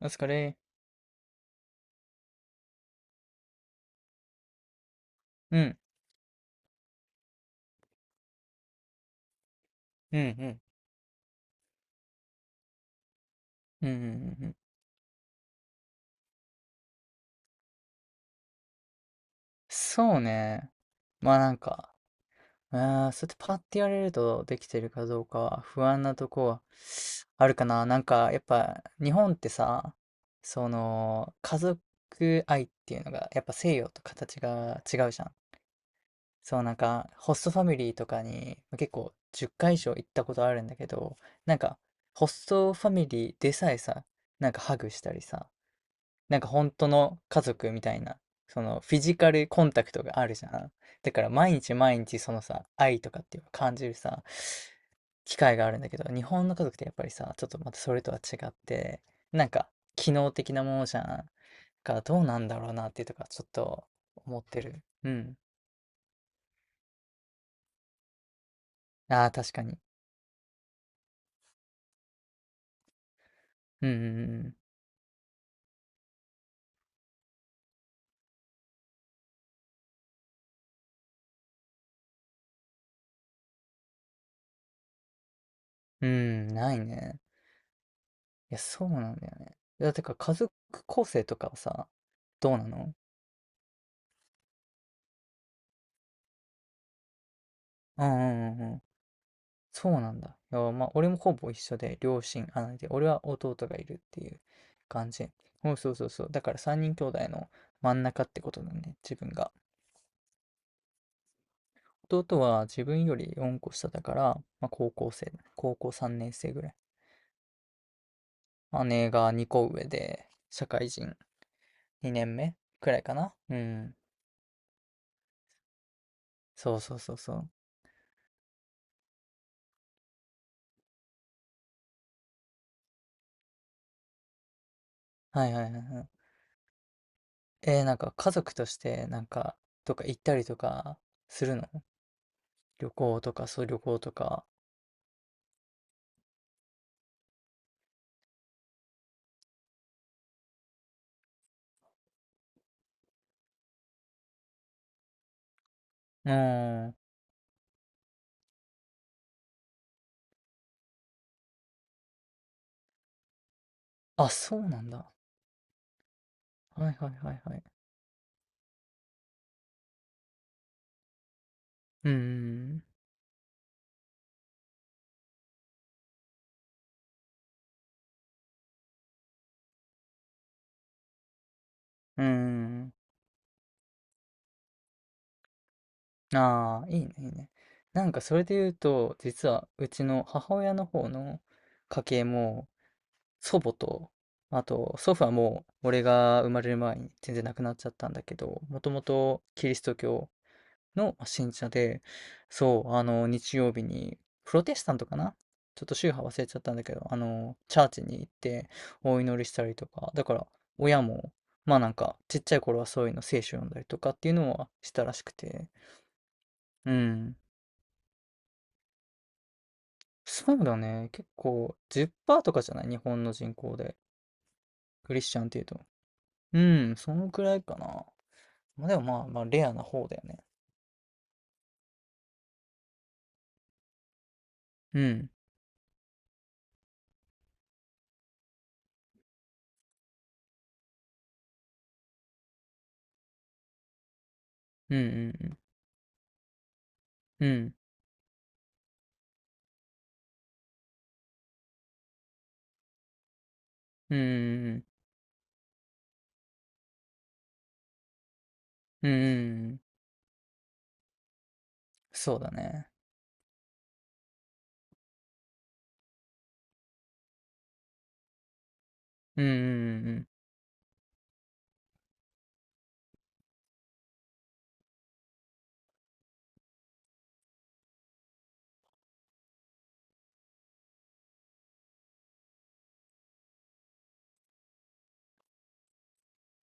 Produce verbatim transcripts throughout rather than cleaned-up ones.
お疲れ。うん、うん、うん、うん、うん、うんうん。そうね。まあなんか、あーそうやってパッて言われるとできてるかどうかは不安なとこはあるかな。なんかやっぱ日本ってさ、その家族愛っていうのがやっぱ西洋と形が違うじゃん。そう、なんかホストファミリーとかに結構じゅっかい以上行ったことあるんだけど、なんかホストファミリーでさえさ、なんかハグしたりさ、なんか本当の家族みたいな、そのフィジカルコンタクトがあるじゃん。だから毎日毎日そのさ、愛とかっていうのを感じるさ、機会があるんだけど、日本の家族ってやっぱりさ、ちょっとまたそれとは違って、なんか機能的なものじゃん。だからどうなんだろうなっていうとか、ちょっと思ってる。うん。ああ、確かに。うんうんうん。うん、ないね。いや、そうなんだよね。だから家族構成とかはさ、どうなの？うんうんうんうん。そうなんだ。いや、まあ、俺もほぼ一緒で、両親、姉で、俺は弟がいるっていう感じ。うん、そうそうそう。だから三人兄弟の真ん中ってことだね、自分が。弟は自分より四個下だから、まあ、高校生、高校三年生ぐらい。姉が二個上で、社会人二年目くらいかな。うん。そうそうそうそう。はいはいはいはい。えー、なんか家族として、なんか、とか行ったりとかするの？旅行とか、そう、旅行とか。うーん。あ、そうなんだ。はいはいはいはい。うーん。うーん。うん。ああー、いいね、いいね。なんかそれで言うと、実はうちの母親の方の家系も、祖母と、あと祖父はもう俺が生まれる前に全然亡くなっちゃったんだけど、もともとキリスト教の信者で、そう、あの、日曜日に、プロテスタントかな、ちょっと宗派忘れちゃったんだけど、あの、チャーチに行ってお祈りしたりとか、だから親も、まあなんか、ちっちゃい頃はそういうの聖書読んだりとかっていうのはしたらしくて、うん。そうだね。結構じゅっパーセントとかじゃない？日本の人口で。クリスチャンっていうと。うん、そのくらいかな。まあでもまあ、まあレアな方だよね。うん。うん。うん。うんうんうん。うんうんうん。そうだね。うんうんうんうん。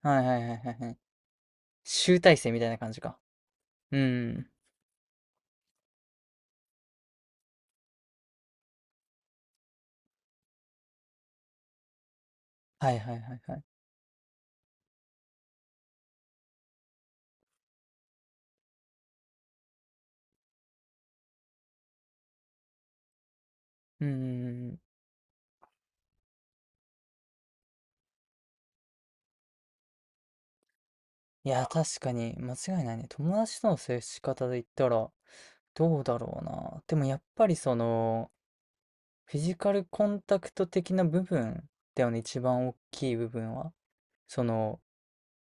はいはいはいはいはい。集大成みたいな感じか。うん。はいはいはいはい。うんうんうん。いや、確かに間違いないね。友達との接し方で言ったら、どうだろうな。でもやっぱりその、フィジカルコンタクト的な部分だよね。一番大きい部分は。その、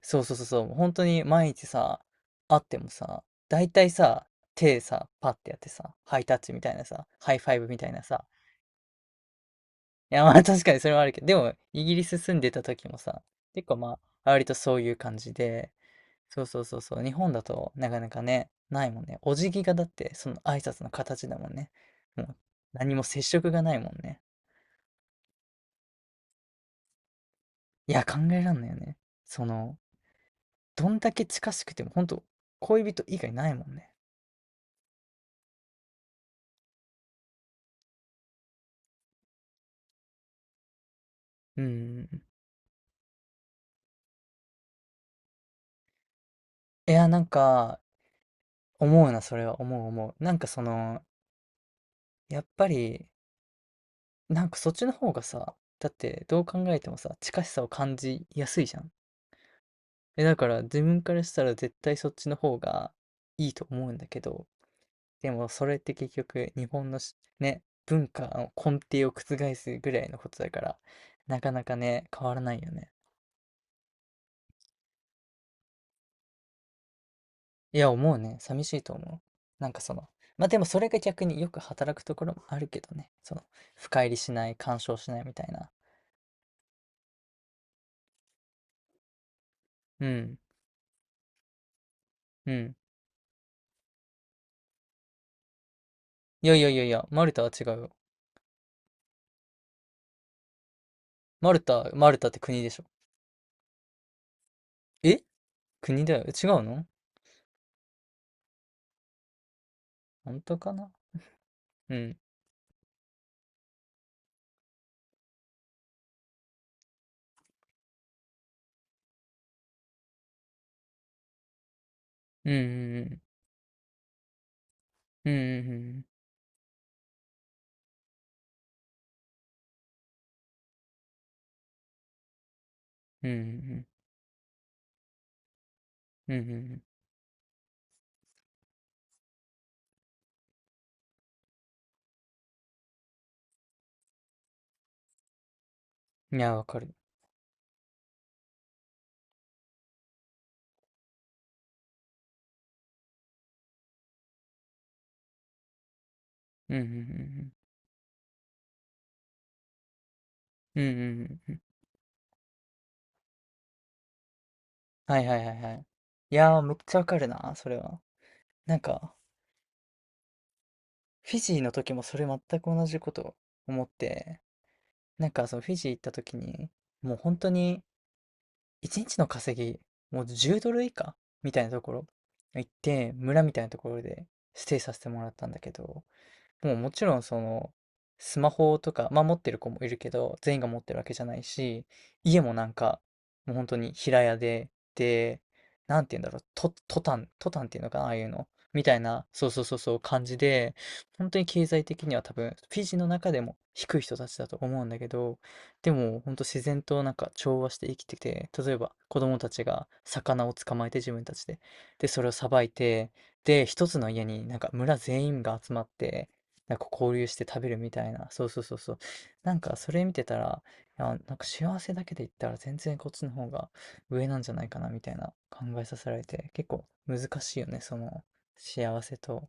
そうそうそうそう。本当に毎日さ、会ってもさ、大体さ、手さ、パッてやってさ、ハイタッチみたいなさ、ハイファイブみたいなさ、いや、まあ確かにそれはあるけど、でも、イギリス住んでた時もさ、結構まあ、割とそういう感じで、そうそうそうそう、日本だとなかなかね、ないもんね。お辞儀がだって、その挨拶の形だもんね。もう、何も接触がないもんね。いや、考えらんないよね。その、どんだけ近しくても、ほんと、恋人以外ないもんね。うんうんうん。いや、なんか、思うな、それは思う思う。なんかその、やっぱり、なんかそっちの方がさ、だってどう考えてもさ、近しさを感じやすいじゃん。え、だから自分からしたら絶対そっちの方がいいと思うんだけど、でもそれって結局日本のしね、文化の根底を覆すぐらいのことだから、なかなかね、変わらないよね。いや、思うね。寂しいと思う。なんかその、まあでもそれが逆によく働くところもあるけどね。その、深入りしない、干渉しないみたいな。うん、うん。いやいやいやいや、マルタは違うよ。マルタ、マルタって国でしょ？え、国だよ。違うの？本当かな。うん。うん、うん、うん、うん、うん、うん、うん、うん、うん。いや、わかる。うん、うん、うん、うん、うん、うんうん。はいはいはいはい。いやー、めっちゃわかるな、それは。なんか、フィジーの時もそれ全く同じこと思って、なんかそのフィジー行った時に、もう本当に、一日の稼ぎ、もうじゅうドル以下みたいなところ行って、村みたいなところでステイさせてもらったんだけど、もうもちろんそのスマホとか、まあ持ってる子もいるけど、全員が持ってるわけじゃないし、家もなんか、もう本当に平屋で、で、なんて言うんだろう、ト、トタン、トタンっていうのかな、ああいうの。みたいな、そうそうそうそう感じで、本当に経済的には多分、フィジーの中でも低い人たちだと思うんだけど、でも本当自然となんか調和して生きてて、例えば子供たちが魚を捕まえて自分たちで、で、それをさばいて、で、一つの家になんか村全員が集まって、なんか交流して食べるみたいな。そうそうそうそう。なんかそれ見てたら、いや、なんか幸せだけで言ったら全然こっちの方が上なんじゃないかなみたいな考えさせられて、結構難しいよね、その幸せと。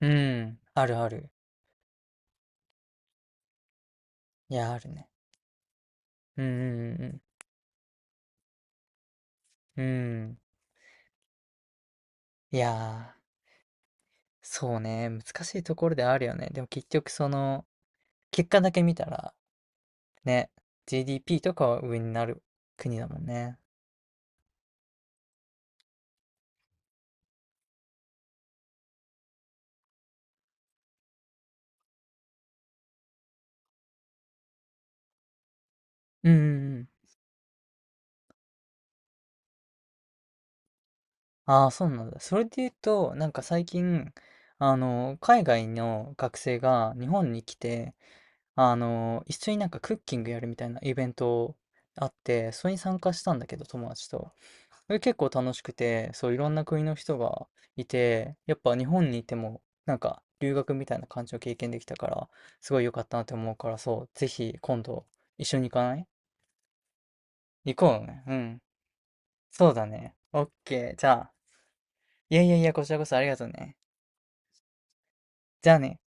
うん、あるある。いや、あるね。うんうんうんうん。うん。いやー、そうね、難しいところであるよね。でも結局その、結果だけ見たら、ね、ジーディーピー とかは上になる国だもんね。うんうんうん。ああ、そうなんだ。それで言うと、なんか最近、あの、海外の学生が日本に来て、あの、一緒になんかクッキングやるみたいなイベントあって、それに参加したんだけど、友達と。それ結構楽しくて、そう、いろんな国の人がいて、やっぱ日本にいても、なんか留学みたいな感じを経験できたから、すごい良かったなって思うから、そう、ぜひ今度一緒に行かない？行こうね。うん。そうだね。オッケー。じゃあ、いやいやいや、こちらこそありがとうね。じゃあね。